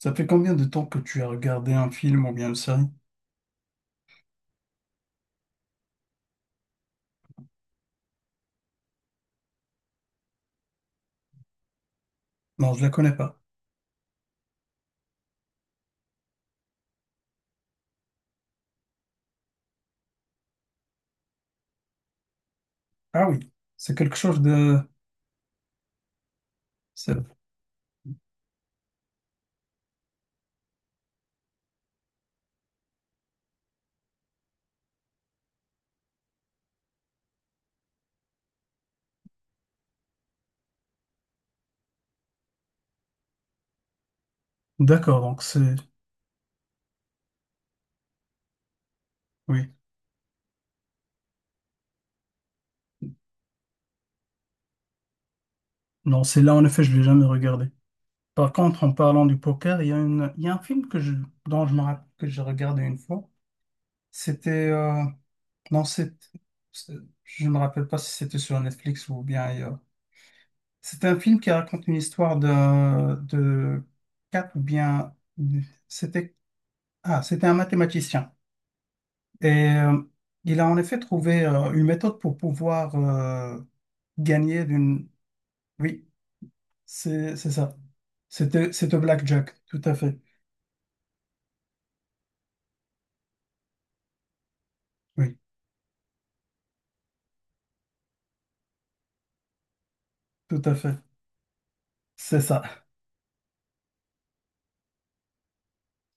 Ça fait combien de temps que tu as regardé un film ou bien une série? Non, je la connais pas. Ah oui, c'est quelque chose de. c'est- D'accord, donc c'est. Oui. Non, c'est là, en effet, je l'ai jamais regardé. Par contre, en parlant du poker, il y a une, il y a un film que je, dont je me rappelle que j'ai regardé une fois. C'était. Non, c'est. c'est- Je me rappelle pas si c'était sur Netflix ou bien ailleurs. C'était un film qui raconte une histoire de. Quatre ou bien. C'était. Ah, c'était un mathématicien. Et il a en effet trouvé une méthode pour pouvoir gagner d'une. Oui, c'est ça. C'était Blackjack, tout à fait. Oui, tout à fait. C'est ça.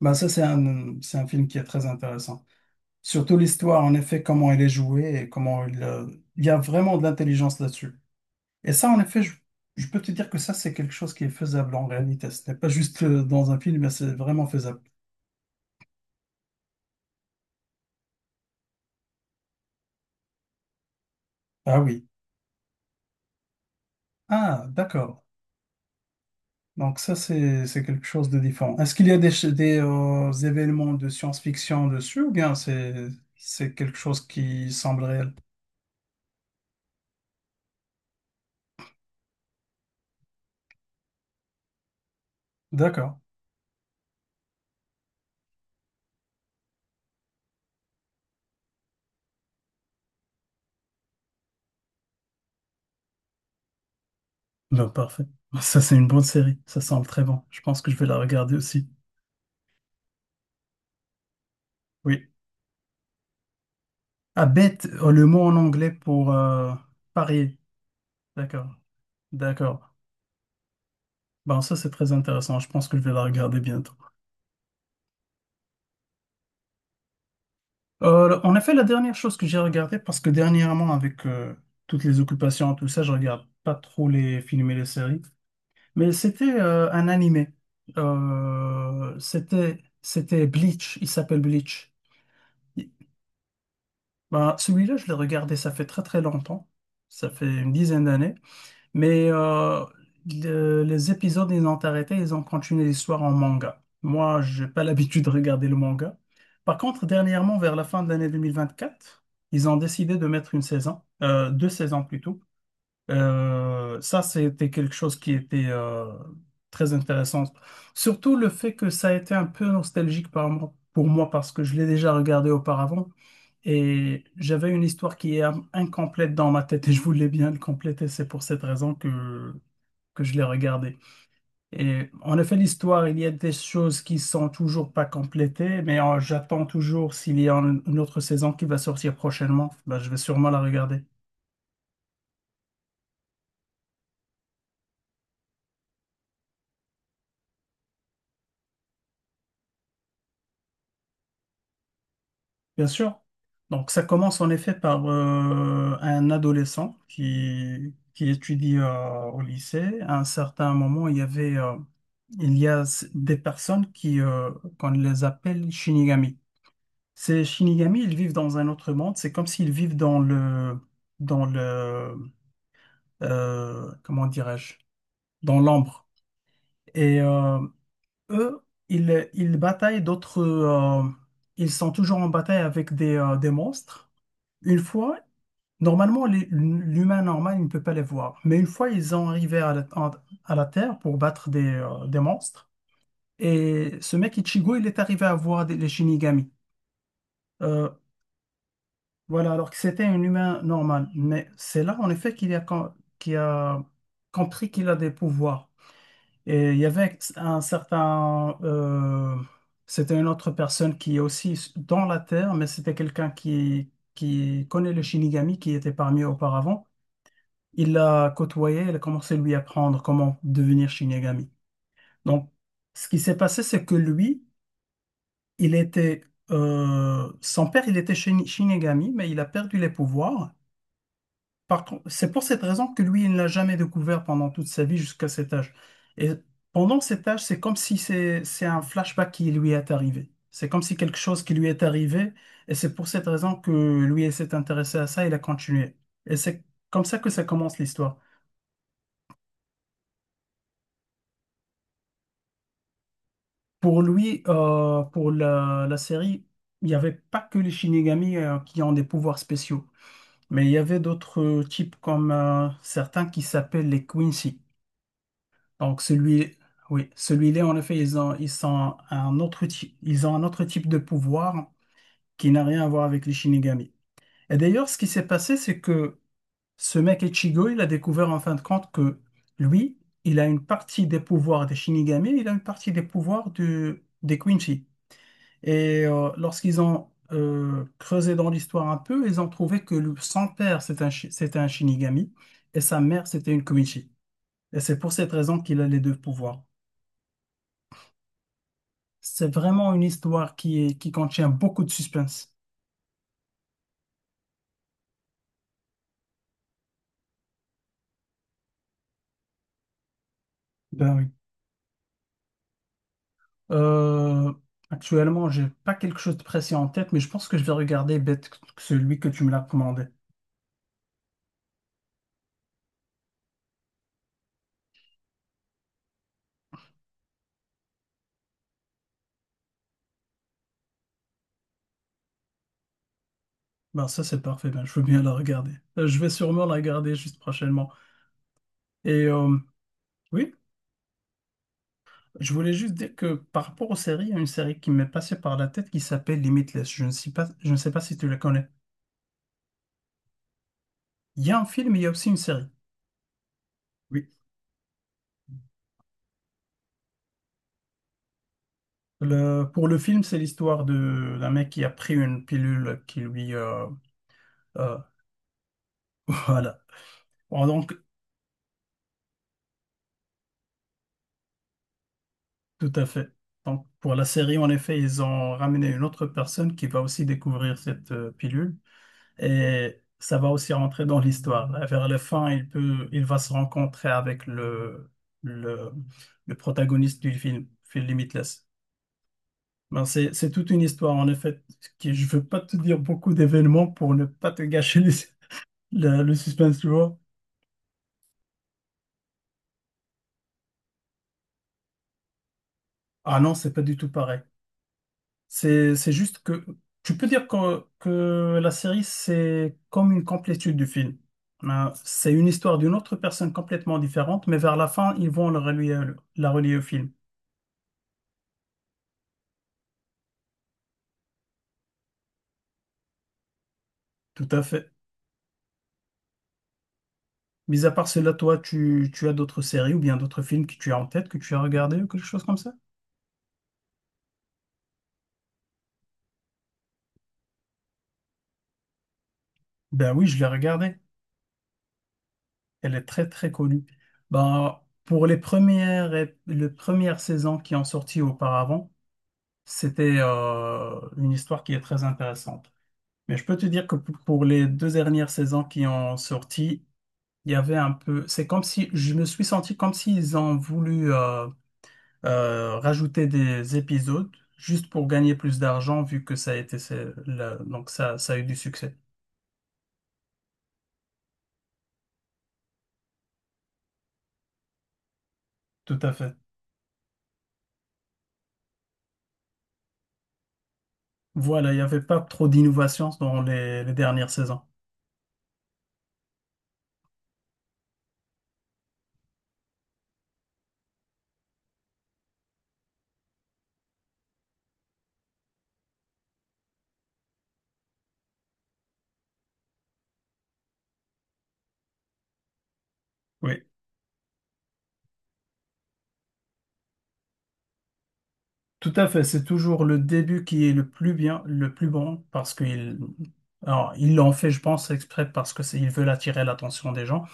Ben, ça, c'est un film qui est très intéressant. Surtout l'histoire, en effet, comment elle est jouée et comment il. Il y a vraiment de l'intelligence là-dessus. Et ça, en effet, je peux te dire que ça, c'est quelque chose qui est faisable en réalité. Ce n'est pas juste dans un film, mais c'est vraiment faisable. Ah oui. Ah, d'accord. Donc ça, c'est quelque chose de différent. Est-ce qu'il y a des événements de science-fiction dessus ou bien c'est quelque chose qui semble réel? D'accord. Ben, parfait. Ça, c'est une bonne série. Ça semble très bon. Je pense que je vais la regarder aussi. Oui. Ah, bet, le mot en anglais pour parier. D'accord. D'accord. Ben, ça, c'est très intéressant. Je pense que je vais la regarder bientôt. En effet, la dernière chose que j'ai regardée, parce que dernièrement, avec toutes les occupations, tout ça, je regarde pas trop les films et les séries. Mais c'était un animé. C'était Bleach. Il s'appelle Bleach. Il- Ben, celui-là, je l'ai regardé, ça fait très très longtemps. Ça fait une dizaine d'années. Mais les épisodes, ils ont arrêté, ils ont continué l'histoire en manga. Moi, j'ai pas l'habitude de regarder le manga. Par contre, dernièrement, vers la fin de l'année 2024, ils ont décidé de mettre une saison, deux saisons plutôt. Ça, c'était quelque chose qui était très intéressant. Surtout le fait que ça a été un peu nostalgique pour moi parce que je l'ai déjà regardé auparavant et j'avais une histoire qui est incomplète dans ma tête et je voulais bien le compléter. C'est pour cette raison que je l'ai regardé. Et en effet, l'histoire, il y a des choses qui sont toujours pas complétées, mais j'attends toujours s'il y a une autre saison qui va sortir prochainement. Ben, je vais sûrement la regarder. Bien sûr. Donc ça commence en effet par un adolescent qui étudie au lycée. À un certain moment, il y a des personnes qu'on les appelle Shinigami. Ces Shinigami, ils vivent dans un autre monde. C'est comme s'ils vivent dans le, comment dirais-je, dans l'ombre. Et eux, ils bataillent d'autres. Ils sont toujours en bataille avec des monstres. Une fois, Normalement, l'humain normal il ne peut pas les voir. Mais une fois, ils ont arrivé à la Terre pour battre des monstres. Et ce mec Ichigo, il est arrivé à voir les Shinigami. Euh, voilà, alors que c'était un humain normal. Mais c'est là, en effet, qu'il a compris qu'il a des pouvoirs. Et il y avait c'était une autre personne qui est aussi dans la Terre, mais c'était quelqu'un qui connaît les Shinigami, qui était parmi eux auparavant. Il l'a côtoyé, il a commencé à lui apprendre comment devenir Shinigami. Donc, ce qui s'est passé, c'est que lui, il était, son père, il était Shinigami, mais il a perdu les pouvoirs. Par contre, c'est pour cette raison que lui, il ne l'a jamais découvert pendant toute sa vie jusqu'à cet âge. Et pendant cet âge, c'est comme si c'est un flashback qui lui est arrivé. C'est comme si quelque chose qui lui est arrivé, et c'est pour cette raison que lui, il s'est intéressé à ça, il a continué. Et c'est comme ça que ça commence l'histoire. Pour lui, pour la série, il n'y avait pas que les Shinigami qui ont des pouvoirs spéciaux, mais il y avait d'autres types comme certains qui s'appellent les Quincy. Donc celui, oui, celui-là, en effet, ils ont, ils sont un autre type, ils ont un autre type de pouvoir qui n'a rien à voir avec les Shinigami. Et d'ailleurs, ce qui s'est passé, c'est que ce mec Ichigo, il a découvert en fin de compte que lui, il a une partie des pouvoirs des Shinigami, il a une partie des pouvoirs des Quincy. Et lorsqu'ils ont creusé dans l'histoire un peu, ils ont trouvé que son père, c'était c'était un Shinigami et sa mère, c'était une Kumichi. Et c'est pour cette raison qu'il a les deux pouvoirs. C'est vraiment une histoire qui contient beaucoup de suspense. Ben oui. Euh, actuellement, j'ai pas quelque chose de précis en tête, mais je pense que je vais regarder Bête que celui que tu me l'as commandé. Ben ça, c'est parfait. Ben, je veux bien la regarder. Je vais sûrement la regarder juste prochainement. Et oui. Je voulais juste dire que par rapport aux séries, il y a une série qui m'est passée par la tête qui s'appelle Limitless. Je ne sais pas si tu la connais. Il y a un film, il y a aussi une série. Oui. Pour le film, c'est l'histoire de d'un mec qui a pris une pilule qui lui. Euh, voilà. Bon, donc, tout à fait. Donc, pour la série, en effet, ils ont ramené une autre personne qui va aussi découvrir cette pilule. Et ça va aussi rentrer dans l'histoire. Là, vers la fin, il va se rencontrer avec le, le protagoniste du film, Phil Limitless. Ben, c'est toute une histoire, en effet, qui, je veux pas te dire beaucoup d'événements pour ne pas te gâcher le suspense, tu vois. Ah non, c'est pas du tout pareil. C'est juste que, tu peux dire que la série, c'est comme une complétude du film. Ben, c'est une histoire d'une autre personne complètement différente, mais vers la fin, ils vont le relier, la relier au film. Tout à fait. Mis à part cela, toi, tu as d'autres séries ou bien d'autres films que tu as en tête, que tu as regardé ou quelque chose comme ça? Ben oui, je l'ai regardée. Elle est très très connue. Ben, pour les premières saisons qui ont sorti auparavant, c'était une histoire qui est très intéressante. Mais je peux te dire que pour les deux dernières saisons qui ont sorti, il y avait un peu. C'est comme si je me suis senti comme s'ils ont voulu. Rajouter des épisodes juste pour gagner plus d'argent vu que ça a été donc ça a eu du succès. Tout à fait. Voilà, il n'y avait pas trop d'innovations dans les dernières saisons. Oui. Tout à fait, c'est toujours le début qui est le plus bien, le plus bon, parce qu'il, alors, il l'en fait, je pense, exprès parce que c'est, ils veulent attirer l'attention des gens.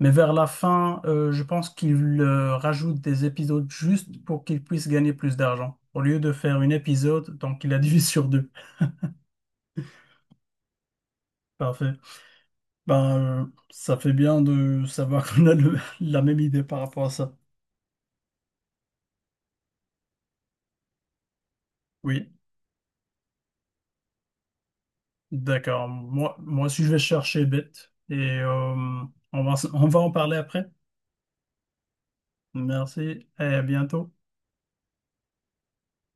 Mais vers la fin, je pense qu'il rajoutent des épisodes juste pour qu'il puisse gagner plus d'argent. Au lieu de faire une épisode, donc il a divisé sur deux. Parfait. Ben, ça fait bien de savoir qu'on a la même idée par rapport à ça. Oui, d'accord. Moi aussi, je vais chercher bête et on va en parler après. Merci et à bientôt.